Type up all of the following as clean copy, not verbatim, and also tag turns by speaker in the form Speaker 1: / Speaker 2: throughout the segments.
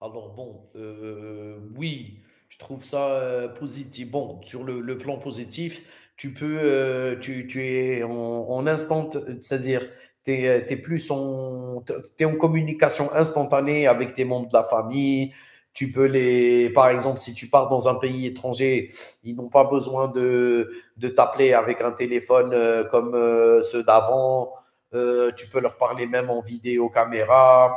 Speaker 1: Alors bon, oui, je trouve ça positif. Bon, sur le plan positif, tu peux, tu es en instant, c'est-à-dire, tu es, plus en, t'es en communication instantanée avec tes membres de la famille. Tu peux les, par exemple, si tu pars dans un pays étranger, ils n'ont pas besoin de t'appeler avec un téléphone comme ceux d'avant. Tu peux leur parler même en vidéo caméra.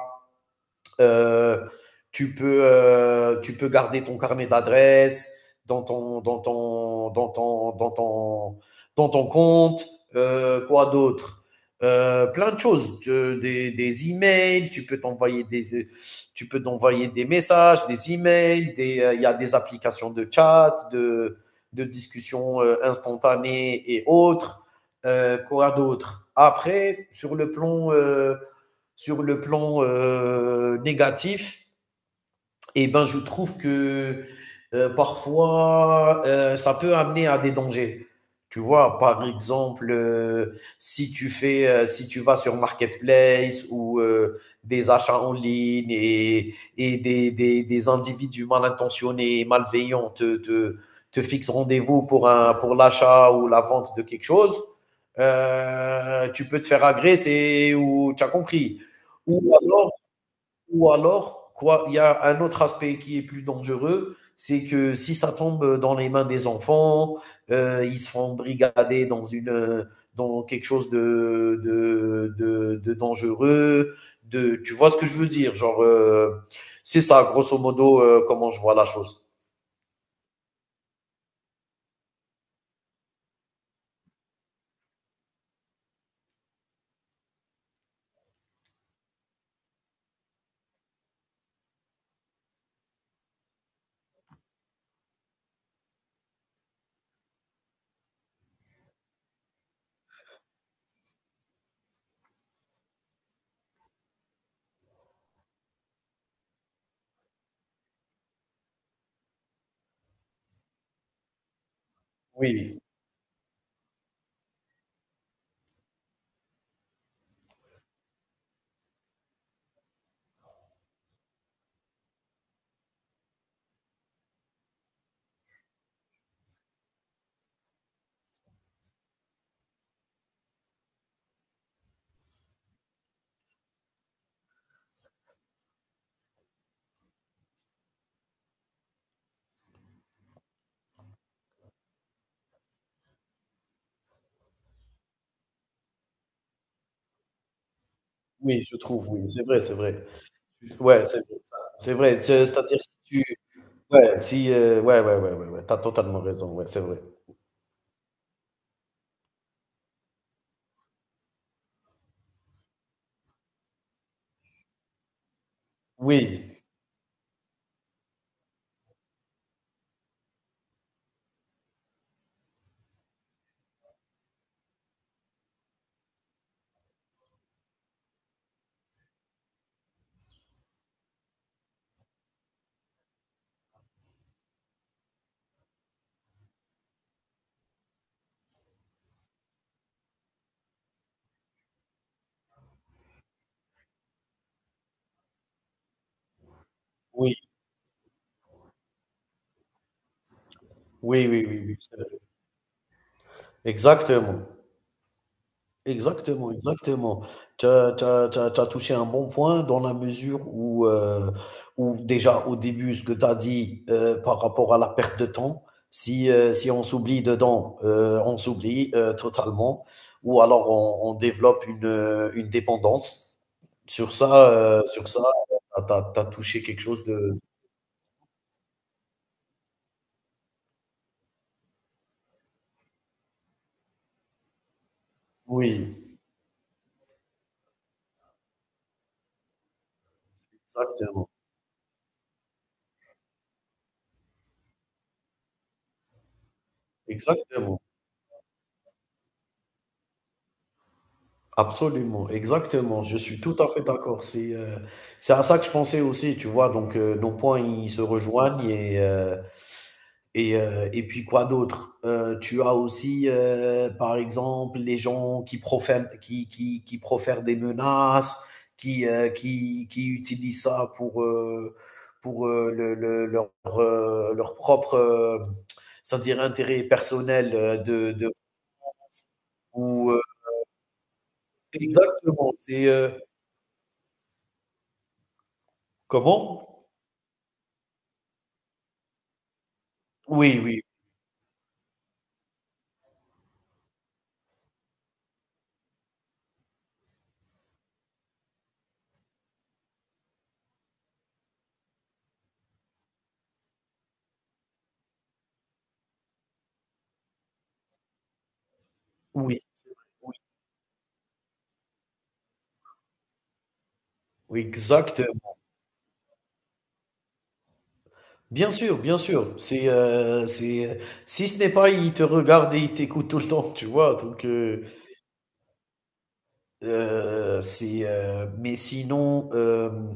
Speaker 1: Euh, Tu peux garder ton carnet d'adresses dans ton, dans, ton, dans, ton, dans, ton, dans ton compte. Quoi d'autre? Plein de choses. Des emails, tu peux t'envoyer des, tu peux t'envoyer des messages, des emails. Il y a des applications de chat, de discussion instantanée et autres. Quoi d'autre? Après, sur le plan négatif, eh ben, je trouve que parfois, ça peut amener à des dangers. Tu vois, par exemple, si tu fais, si tu vas sur Marketplace ou des achats en ligne et des individus mal intentionnés, malveillants te fixent rendez-vous pour un, pour l'achat ou la vente de quelque chose, tu peux te faire agresser ou tu as compris. Ou alors, ou alors, quoi, il y a un autre aspect qui est plus dangereux, c'est que si ça tombe dans les mains des enfants, ils se font brigader dans une dans quelque chose de dangereux. De, tu vois ce que je veux dire, genre c'est ça, grosso modo, comment je vois la chose. Oui, oui, je trouve, oui, c'est vrai, c'est vrai. Ouais, c'est vrai, ça, c'est vrai. C'est-à-dire si tu, ouais, si, ouais, ouais, ouais, ouais, ouais, t'as totalement raison, ouais, c'est vrai. Oui, oui. Oui, oui, oui, oui, c'est vrai. Exactement, exactement, exactement. Tu as touché un bon point dans la mesure où, où déjà au début ce que tu as dit, par rapport à la perte de temps, si on s'oublie dedans, on s'oublie, totalement ou alors on développe une dépendance. Sur ça, tu as tu as touché quelque chose de oui, exactement, exactement. Absolument, exactement, je suis tout à fait d'accord. C'est à ça que je pensais aussi, tu vois? Donc nos points, ils se rejoignent et puis quoi d'autre? Tu as aussi, par exemple, les gens qui profèrent qui profèrent des menaces, qui, qui utilisent ça pour, le leur, leur propre, c'est-à-dire intérêt personnel, de ou, exactement, c'est, comment? Oui, oui, oui, oui, oui, exact. Bien sûr, bien sûr. C'est, si ce n'est pas, il te regarde et il t'écoute tout le temps, tu vois? Donc, c'est, mais sinon, hem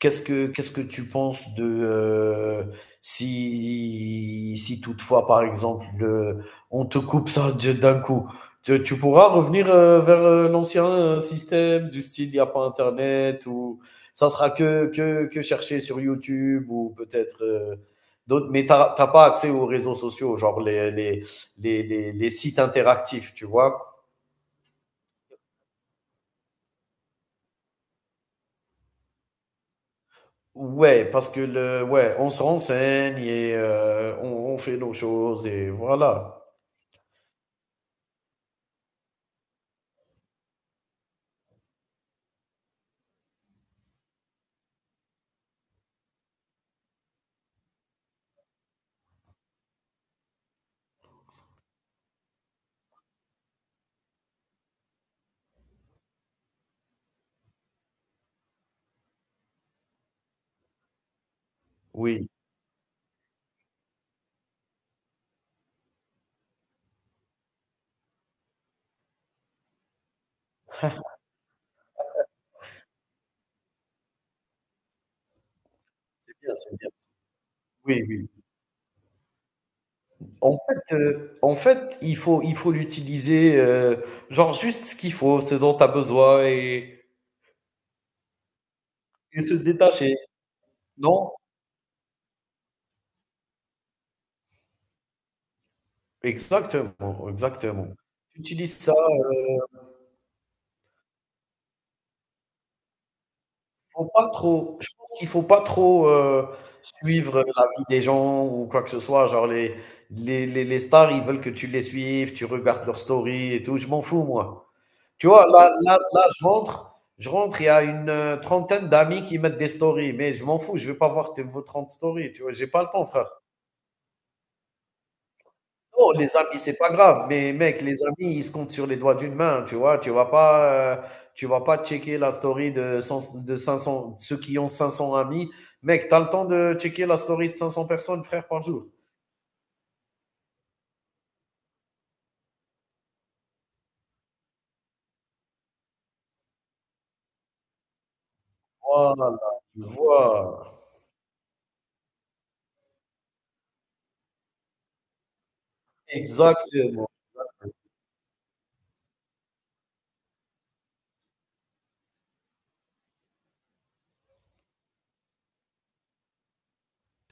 Speaker 1: qu'est-ce que tu penses de, si si toutefois, par exemple, on te coupe ça de d'un coup, tu pourras revenir, vers, l'ancien, système du style il n'y a pas internet ou ça sera que chercher sur YouTube ou peut-être, d'autres mais tu as pas accès aux réseaux sociaux, genre les sites interactifs, tu vois? Ouais, parce que le, ouais, on se renseigne et on fait nos choses et voilà. Oui, c'est bien, c'est bien. Oui, oui. En fait, il faut l'utiliser, genre juste ce qu'il faut, ce dont tu as besoin et se détacher. Non? Exactement, exactement. Utilise ça, faut pas trop, je pense qu'il faut pas trop, suivre la vie des gens ou quoi que ce soit. Genre les stars, ils veulent que tu les suives, tu regardes leurs stories et tout, je m'en fous moi. Tu vois? Je rentre, il y a une, trentaine d'amis qui mettent des stories, mais je m'en fous, je vais pas voir tes vos 30 stories, tu vois? J'ai pas le temps frère. Non, les amis, c'est pas grave, mais mec, les amis, ils se comptent sur les doigts d'une main, tu vois? Tu vas pas checker la story de 500, ceux qui ont 500 amis. Mec, t'as le temps de checker la story de 500 personnes, frère, par jour. Voilà, tu vois? Exactement,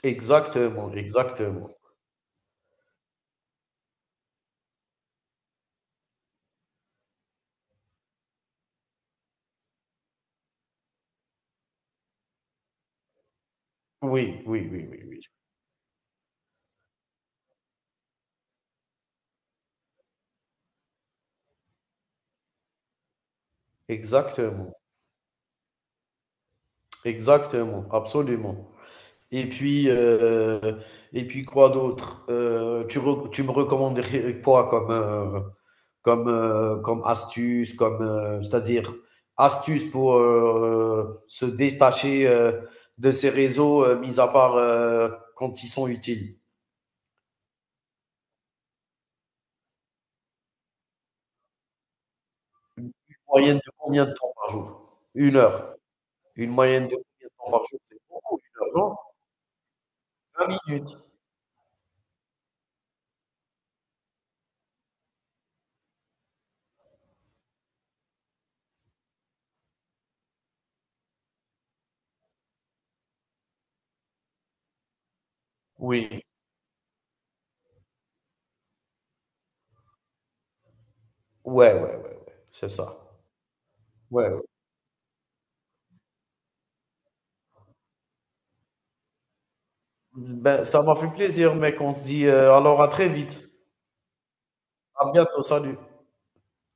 Speaker 1: exactement, exactement. Oui, oui, oui, oui, oui. Exactement, exactement, absolument. Et puis, euh, et puis quoi d'autre? Tu me recommanderais quoi comme, comme, comme astuce, comme, c'est-à-dire astuce pour se détacher de ces réseaux, mis à part quand ils sont utiles. Une moyenne de combien de temps par jour? Une heure. Une moyenne de combien de temps par jour? C'est beaucoup, une heure, non? 20 minutes. Oui. Ouais, ouais, ouais, ouais. C'est ça. Ouais. Ben, ça m'a fait plaisir, mec. On se dit, alors à très vite. À bientôt. Salut.